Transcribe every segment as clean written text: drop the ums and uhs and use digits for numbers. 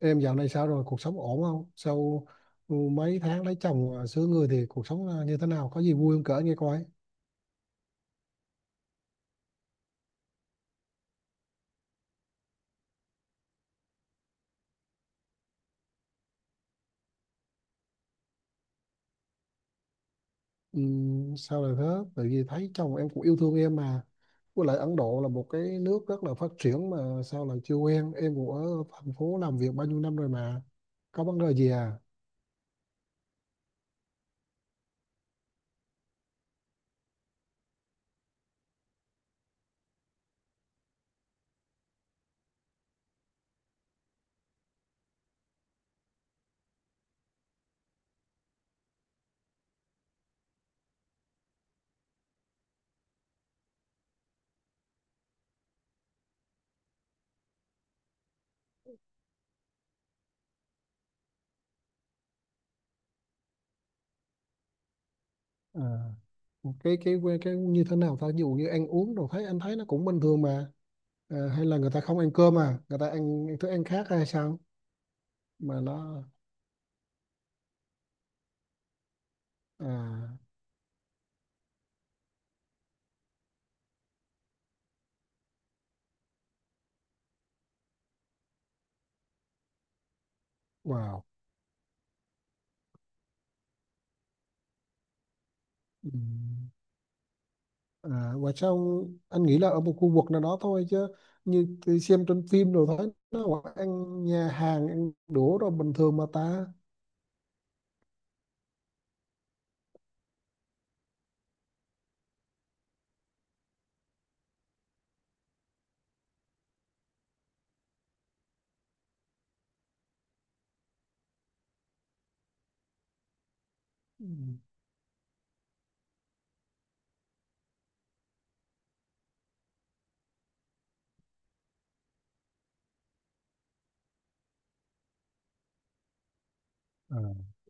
Em dạo này sao rồi? Cuộc sống ổn không? Sau mấy tháng lấy chồng à, sướng người thì cuộc sống như thế nào? Có gì vui không kể nghe coi. Sao lại thế? Tại vì thấy chồng em cũng yêu thương em mà. Với lại Ấn Độ là một cái nước rất là phát triển mà sao lại chưa quen. Em cũng ở thành phố làm việc bao nhiêu năm rồi mà. Có vấn đề gì à? À, cái như thế nào ta? Ví dụ như ăn uống rồi anh thấy nó cũng bình thường mà. À, hay là người ta không ăn cơm à? Người ta ăn thức ăn khác hay sao? Mà nó à? Wow. Ừ. À, và sao anh nghĩ là ở một khu vực nào đó thôi chứ như tôi xem trên phim rồi thấy nó gọi ăn nhà hàng ăn đũa rồi bình thường mà ta ừ. À,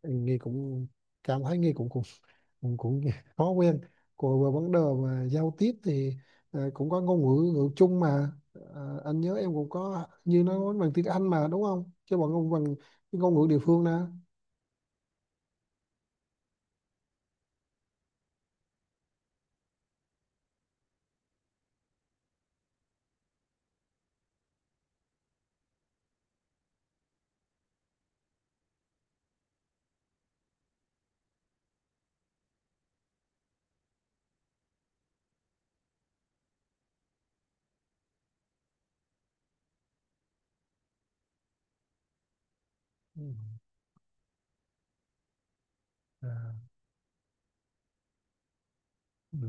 anh nghe cũng cảm thấy nghe cũng khó quen. Còn về vấn đề mà giao tiếp thì cũng có ngôn ngữ ngữ chung mà. À, anh nhớ em cũng có như nó nói bằng tiếng Anh mà đúng không chứ bằng cái ngôn ngữ địa phương nè. Ừ. À, ừ.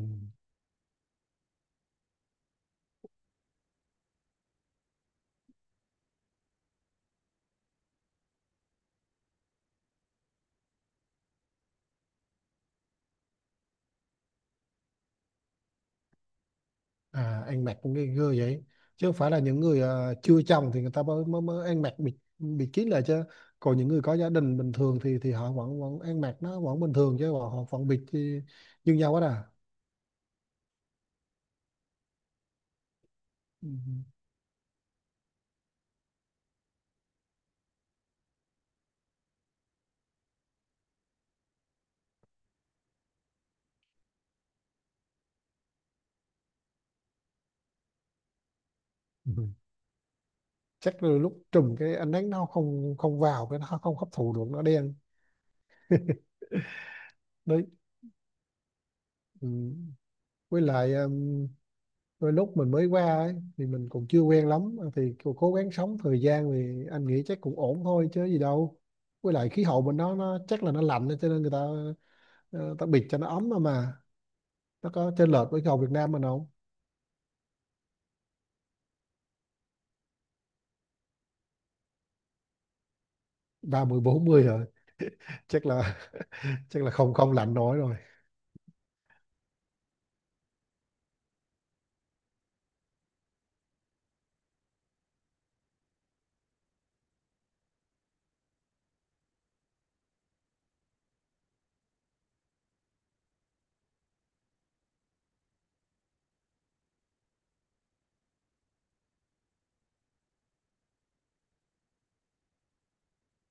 À, anh mặc những cái người vậy chứ không phải là những người chưa chồng thì người ta mới mới, mới ăn mặc bịt bịt kín lại chứ. Còn những người có gia đình bình thường thì họ vẫn vẫn ăn mặc nó vẫn bình thường chứ họ vẫn bịt thì như nhau hết à. Ừ. Ừ. Chắc là lúc trùm cái ánh nắng nó không không vào cái nó không hấp thụ được nó đen. Đấy. Ừ. Với lại đôi lúc mình mới qua ấy, thì mình còn chưa quen lắm thì cố cố gắng sống thời gian thì anh nghĩ chắc cũng ổn thôi chứ gì đâu. Với lại khí hậu bên đó nó chắc là nó lạnh cho nên người ta ờ, ta bịt cho nó ấm mà nó có chênh lệch với khí hậu Việt Nam mình không? Ba mười bốn mươi rồi? chắc là chắc là không không lạnh nổi rồi.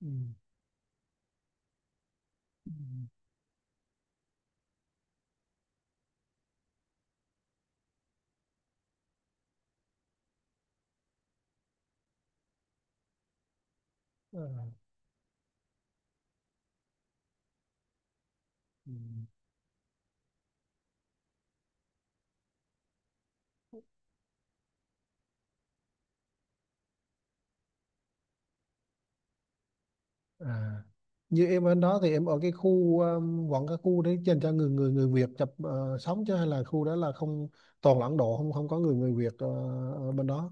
Ừ. Ừ. Ừ. À. Như em ở đó thì em ở cái khu vẫn cái khu đấy dành cho người người người Việt sống chứ hay là khu đó là không toàn là Ấn Độ không không có người người Việt ở bên đó?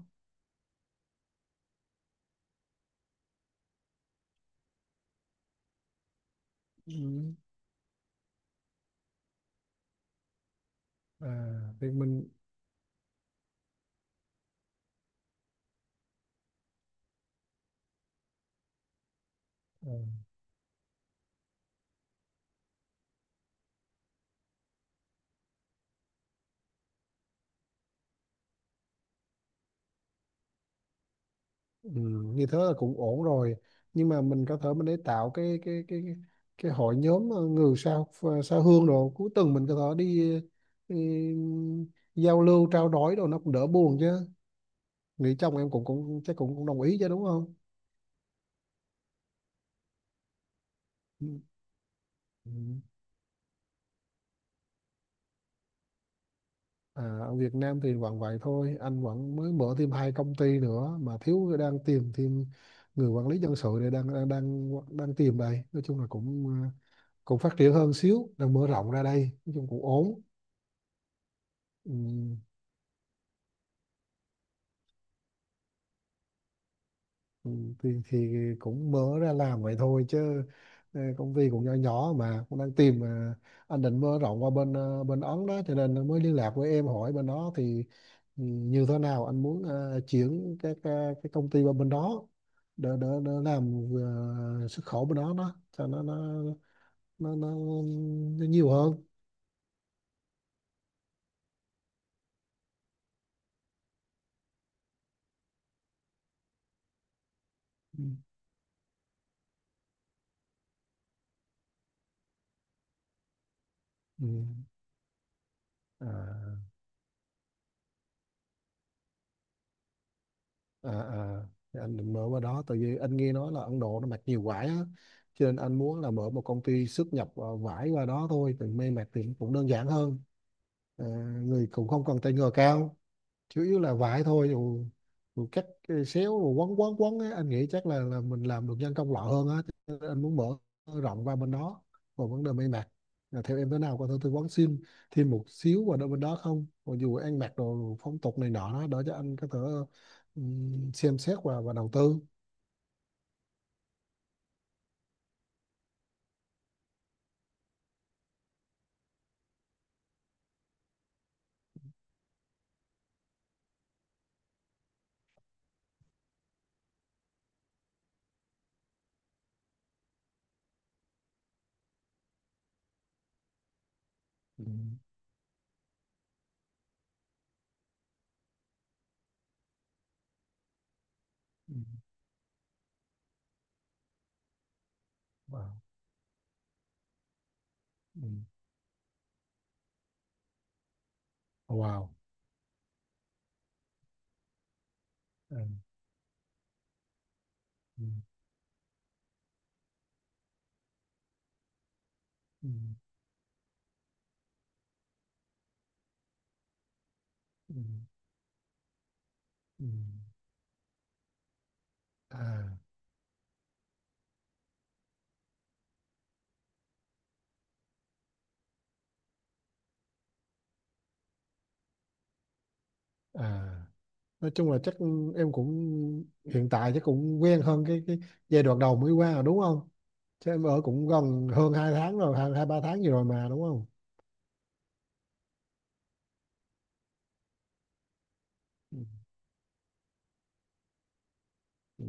Ừ. À, thì mình ờ, ừ, như thế là cũng ổn rồi. Nhưng mà mình có thể mình để tạo cái hội nhóm người sao sao hương rồi cuối tuần mình có thể đi, ừ, giao lưu trao đổi đồ nó cũng đỡ buồn chứ. Nghĩ chồng em cũng cũng chắc cũng đồng ý chứ đúng không? Ừ. Ừ. À, ở Việt Nam thì vẫn vậy thôi anh vẫn mới mở thêm hai công ty nữa mà thiếu đang tìm thêm người quản lý nhân sự để đang tìm đây. Nói chung là cũng phát triển hơn xíu đang mở rộng ra đây. Nói chung cũng ổn. Ừm, thì cũng mở ra làm vậy thôi chứ công ty cũng nhỏ nhỏ mà cũng đang tìm mà. Anh định mở rộng qua bên Ấn đó cho nên mới liên lạc với em hỏi bên đó thì như thế nào. Anh muốn chuyển cái công ty qua bên đó để làm xuất khẩu bên đó đó cho nó nó, nó nhiều hơn. Ừm, ừm. À. À à. Thì anh định mở qua đó tại vì anh nghe nói là Ấn Độ nó mặc nhiều vải á cho nên anh muốn là mở một công ty xuất nhập vải qua đó thôi thì may mặc thì cũng đơn giản hơn. À, người cũng không cần tay nghề cao, chủ yếu là vải thôi, dù cắt cái xéo rồi quấn quấn quấn ấy anh nghĩ chắc là mình làm được nhân công lọ hơn á. Cho nên anh muốn mở rộng qua bên đó. Còn vấn đề may mặc là theo em thế nào, có thể tư vấn xin thêm một xíu vào đôi bên đó không, còn dù ăn mặc đồ phong tục này nọ đó đỡ cho anh có thể xem xét và đầu tư. Ừ, ừ, wow, ừ, wow, à, ừ, ừ, ừ, ừ. À à. Nói chung là chắc em cũng hiện tại chắc cũng quen hơn cái giai đoạn đầu mới qua rồi đúng không? Chứ em ở cũng gần hơn 2 tháng rồi hai hai ba tháng gì rồi mà đúng không? Ừ. Ừ.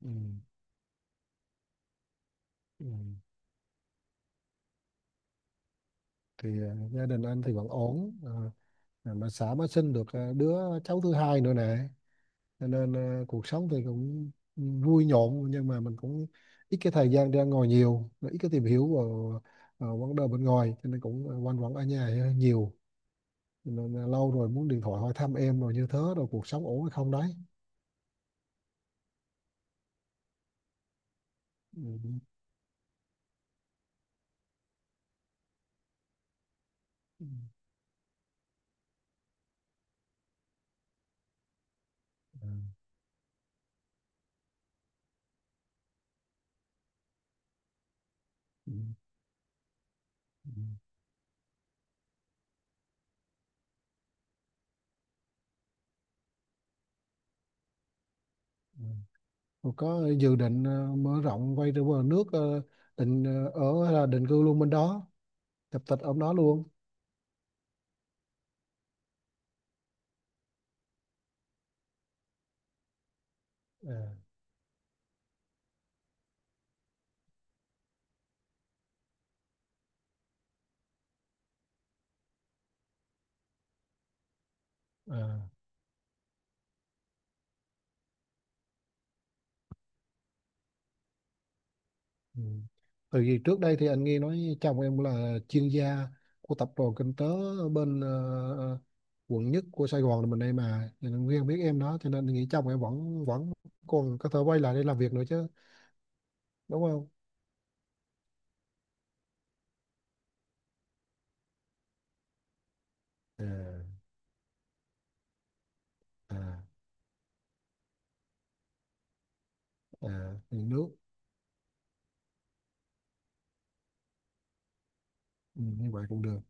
Ừ. Ừ. Thì gia đình anh thì vẫn ổn, mà xã mới sinh được đứa cháu thứ hai nữa nè. Cho nên cuộc sống thì cũng vui nhộn nhưng mà mình cũng ít cái thời gian ra ngoài nhiều ít cái tìm hiểu vào vấn đề bên ngoài cho nên cũng quanh quẩn ở nhà nhiều. Nên là lâu rồi muốn điện thoại hỏi thăm em rồi như thế rồi cuộc sống ổn hay không đấy. Ừ. Ừ. Ừ. Ừ. Ừ. Rồi có dự định mở rộng quay trở về nước định ở hay là định cư luôn bên đó tập tịch ở đó luôn? À, à, ừ. Từ vì trước đây thì anh nghe nói chồng em là chuyên gia của tập đoàn kinh tế ở bên ờ, quận nhất của Sài Gòn là mình đây mà cho nên Nguyên biết em đó cho nên nghĩ chồng em vẫn vẫn còn có thể quay lại đây làm việc nữa chứ đúng không? À. À à. Uống nước. Ừ, như vậy cũng được.